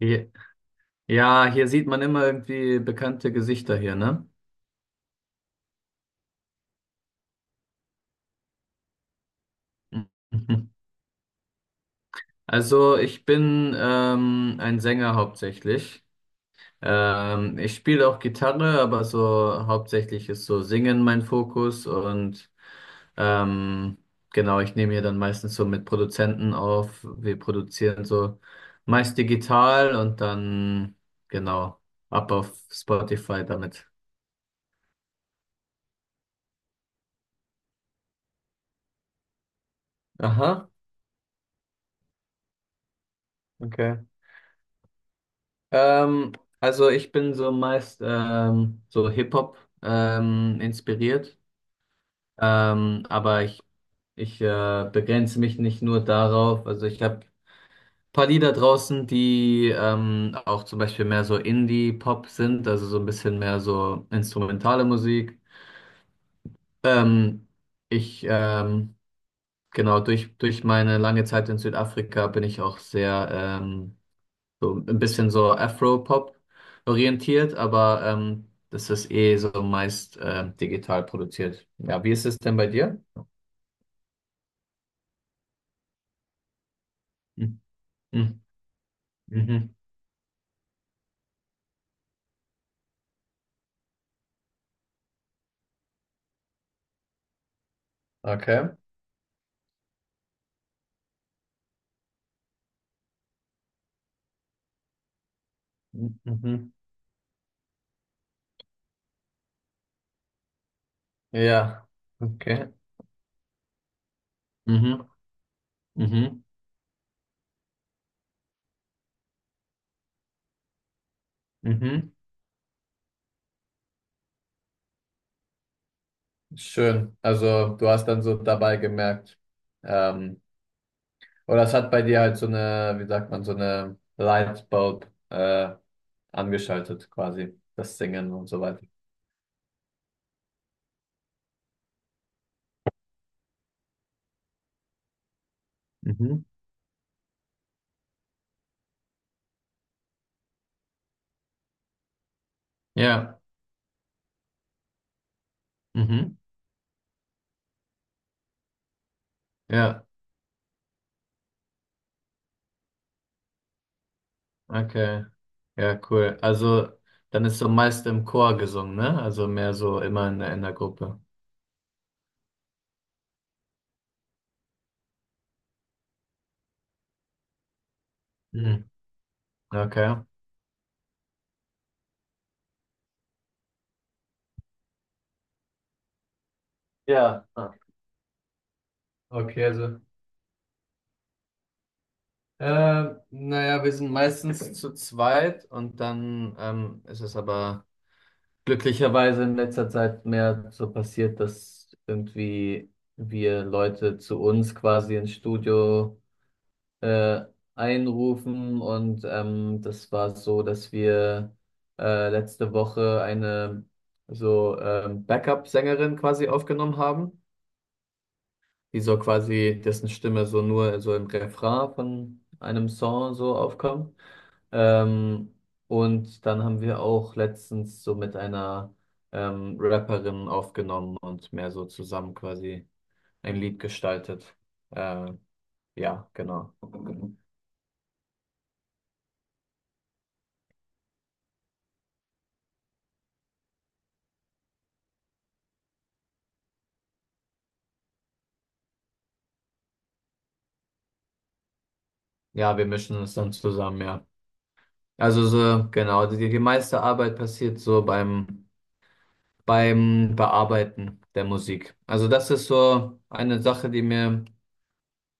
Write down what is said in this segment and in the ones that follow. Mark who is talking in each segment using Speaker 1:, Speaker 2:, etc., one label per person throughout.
Speaker 1: Je- Ja, hier sieht man immer irgendwie bekannte Gesichter hier, ne? Mhm. Also ich bin ein Sänger hauptsächlich. Ich spiele auch Gitarre, aber so hauptsächlich ist so Singen mein Fokus und ähm, genau, ich nehme hier dann meistens so mit Produzenten auf. Wir produzieren so meist digital und dann genau ab auf Spotify damit. Aha, okay. Ähm, also ich bin so meist so Hip-Hop inspiriert, aber ich begrenze mich nicht nur darauf. Also ich habe paar Lieder draußen, die auch zum Beispiel mehr so Indie-Pop sind, also so ein bisschen mehr so instrumentale Musik. Ähm, ich, ähm, genau, durch meine lange Zeit in Südafrika bin ich auch sehr so ein bisschen so Afro-Pop orientiert, aber das ist eh so meist digital produziert. Ja, wie ist es denn bei dir? Mhm. Mhm. Okay. Mhm. Ja, okay. Mhm. Mhm. Mhm. Schön. Also du hast dann so dabei gemerkt, ähm, oder es hat bei dir halt so eine, wie sagt man, so eine Lightbulb angeschaltet quasi, das Singen und so weiter. Mhm. Ja. Mhm. Ja. Okay. Ja, cool. Also, dann ist so meist im Chor gesungen, ne? Also mehr so immer in in der Gruppe. Mhm. Okay. Ja, ah, okay, also, naja, wir sind meistens zu zweit und dann ist es aber glücklicherweise in letzter Zeit mehr so passiert, dass irgendwie wir Leute zu uns quasi ins Studio äh, einrufen. Und das war so, dass wir letzte Woche eine so Backup-Sängerin quasi aufgenommen haben, die so quasi, dessen Stimme so nur so im Refrain von einem Song so aufkommt. Ähm, und dann haben wir auch letztens so mit einer Rapperin aufgenommen und mehr so zusammen quasi ein Lied gestaltet. Äh, ja, genau. Ja, wir mischen es dann zusammen, ja. Also so, genau, die meiste Arbeit passiert so beim, beim Bearbeiten der Musik. Also das ist so eine Sache, die mir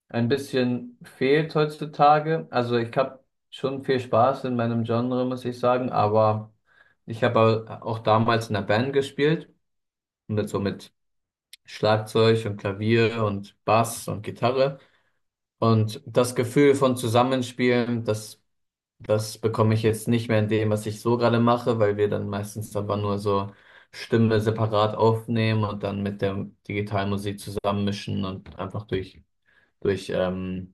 Speaker 1: ein bisschen fehlt heutzutage. Also ich habe schon viel Spaß in meinem Genre, muss ich sagen, aber ich habe auch damals in der Band gespielt, mit so mit Schlagzeug und Klavier und Bass und Gitarre. Und das Gefühl von Zusammenspielen, das bekomme ich jetzt nicht mehr in dem, was ich so gerade mache, weil wir dann meistens aber nur so Stimme separat aufnehmen und dann mit der digitalen Musik zusammenmischen und einfach durch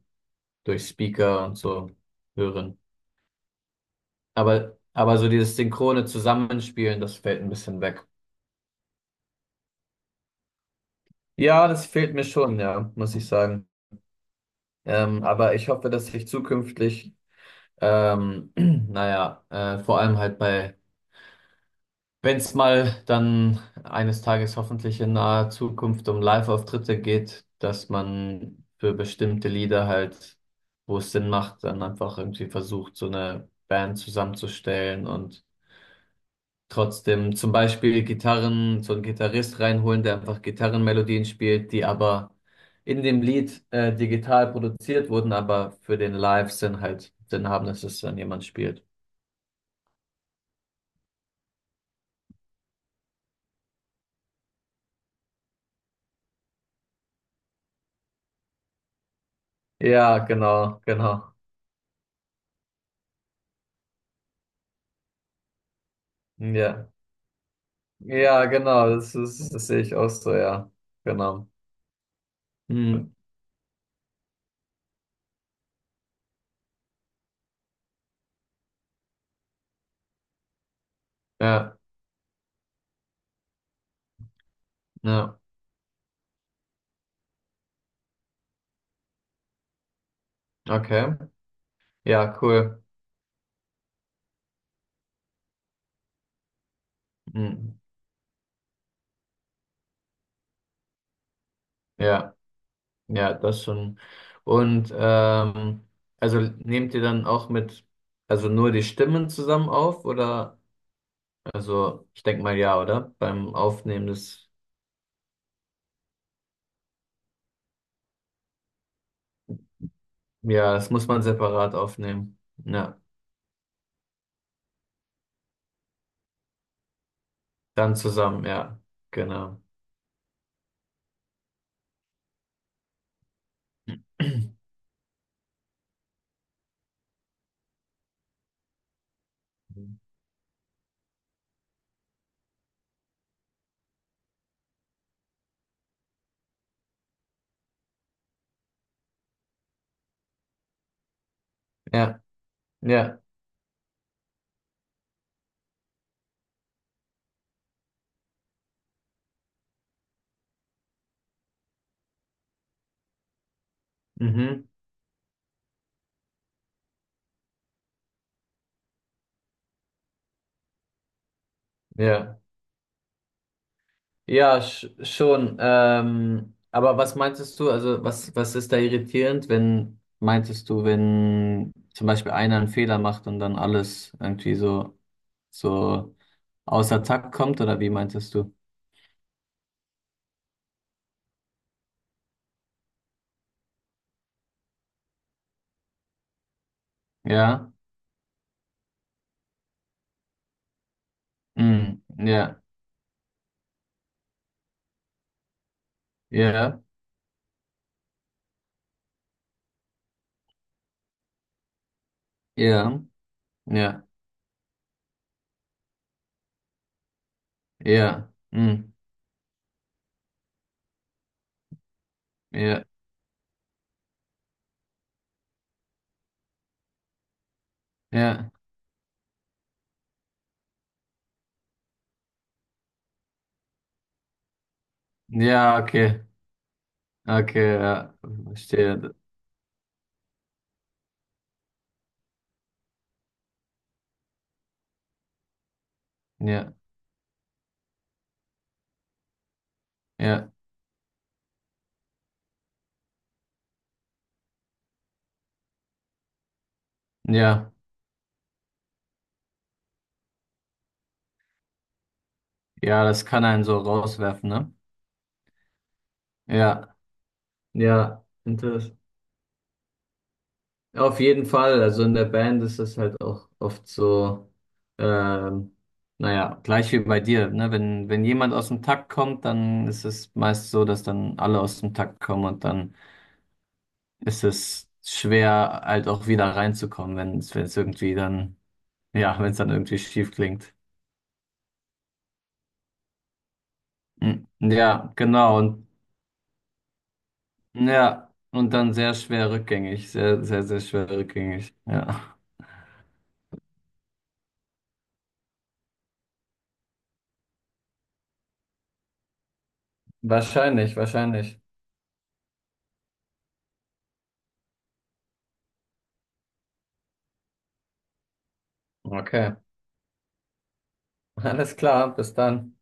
Speaker 1: durch Speaker und so hören. Aber so dieses synchrone Zusammenspielen, das fällt ein bisschen weg. Ja, das fehlt mir schon, ja, muss ich sagen. Aber ich hoffe, dass ich zukünftig, ähm, naja, vor allem halt bei wenn es mal dann eines Tages hoffentlich in naher Zukunft um Live-Auftritte geht, dass man für bestimmte Lieder halt, wo es Sinn macht, dann einfach irgendwie versucht, so eine Band zusammenzustellen und trotzdem zum Beispiel Gitarren, so einen Gitarrist reinholen, der einfach Gitarrenmelodien spielt, die aber in dem Lied digital produziert wurden, aber für den Live-Sinn halt Sinn haben, dass es dann jemand spielt. Ja, genau, genau. Ja. Ja, genau, das ist, das sehe ich auch so, ja. Genau. Hm, ja, ja, okay. Ja, cool. Hm, ja, ja, das schon. Und also nehmt ihr dann auch mit, also nur die Stimmen zusammen auf oder? Also, ich denke mal ja, oder? Beim Aufnehmen des, ja, das muss man separat aufnehmen. Ja, dann zusammen, ja, genau. Ja, ja, mhm, ja. Ja, schon. Aber was meintest du, also was, was ist da irritierend, wenn, meintest du, wenn zum Beispiel einer einen Fehler macht und dann alles irgendwie so, so außer Takt kommt, oder wie meintest du? Ja, mm, ja, ja, ja, ja, ja, mm, ja, ja, ja, okay, okay, ja, verstehe, ja, ja, ja, ja, das kann einen so rauswerfen, ne? Ja, ja, interessant. Ja, auf jeden Fall. Also in der Band ist das halt auch oft so, ähm, naja, gleich wie bei dir, ne? Wenn jemand aus dem Takt kommt, dann ist es meist so, dass dann alle aus dem Takt kommen und dann ist es schwer, halt auch wieder reinzukommen, wenn es, ja, wenn es dann irgendwie schief klingt. Mm, ja, genau. Und ja, und dann sehr schwer rückgängig. Sehr, sehr, sehr schwer rückgängig. Ja. Wahrscheinlich, wahrscheinlich. Okay. Alles klar, bis dann.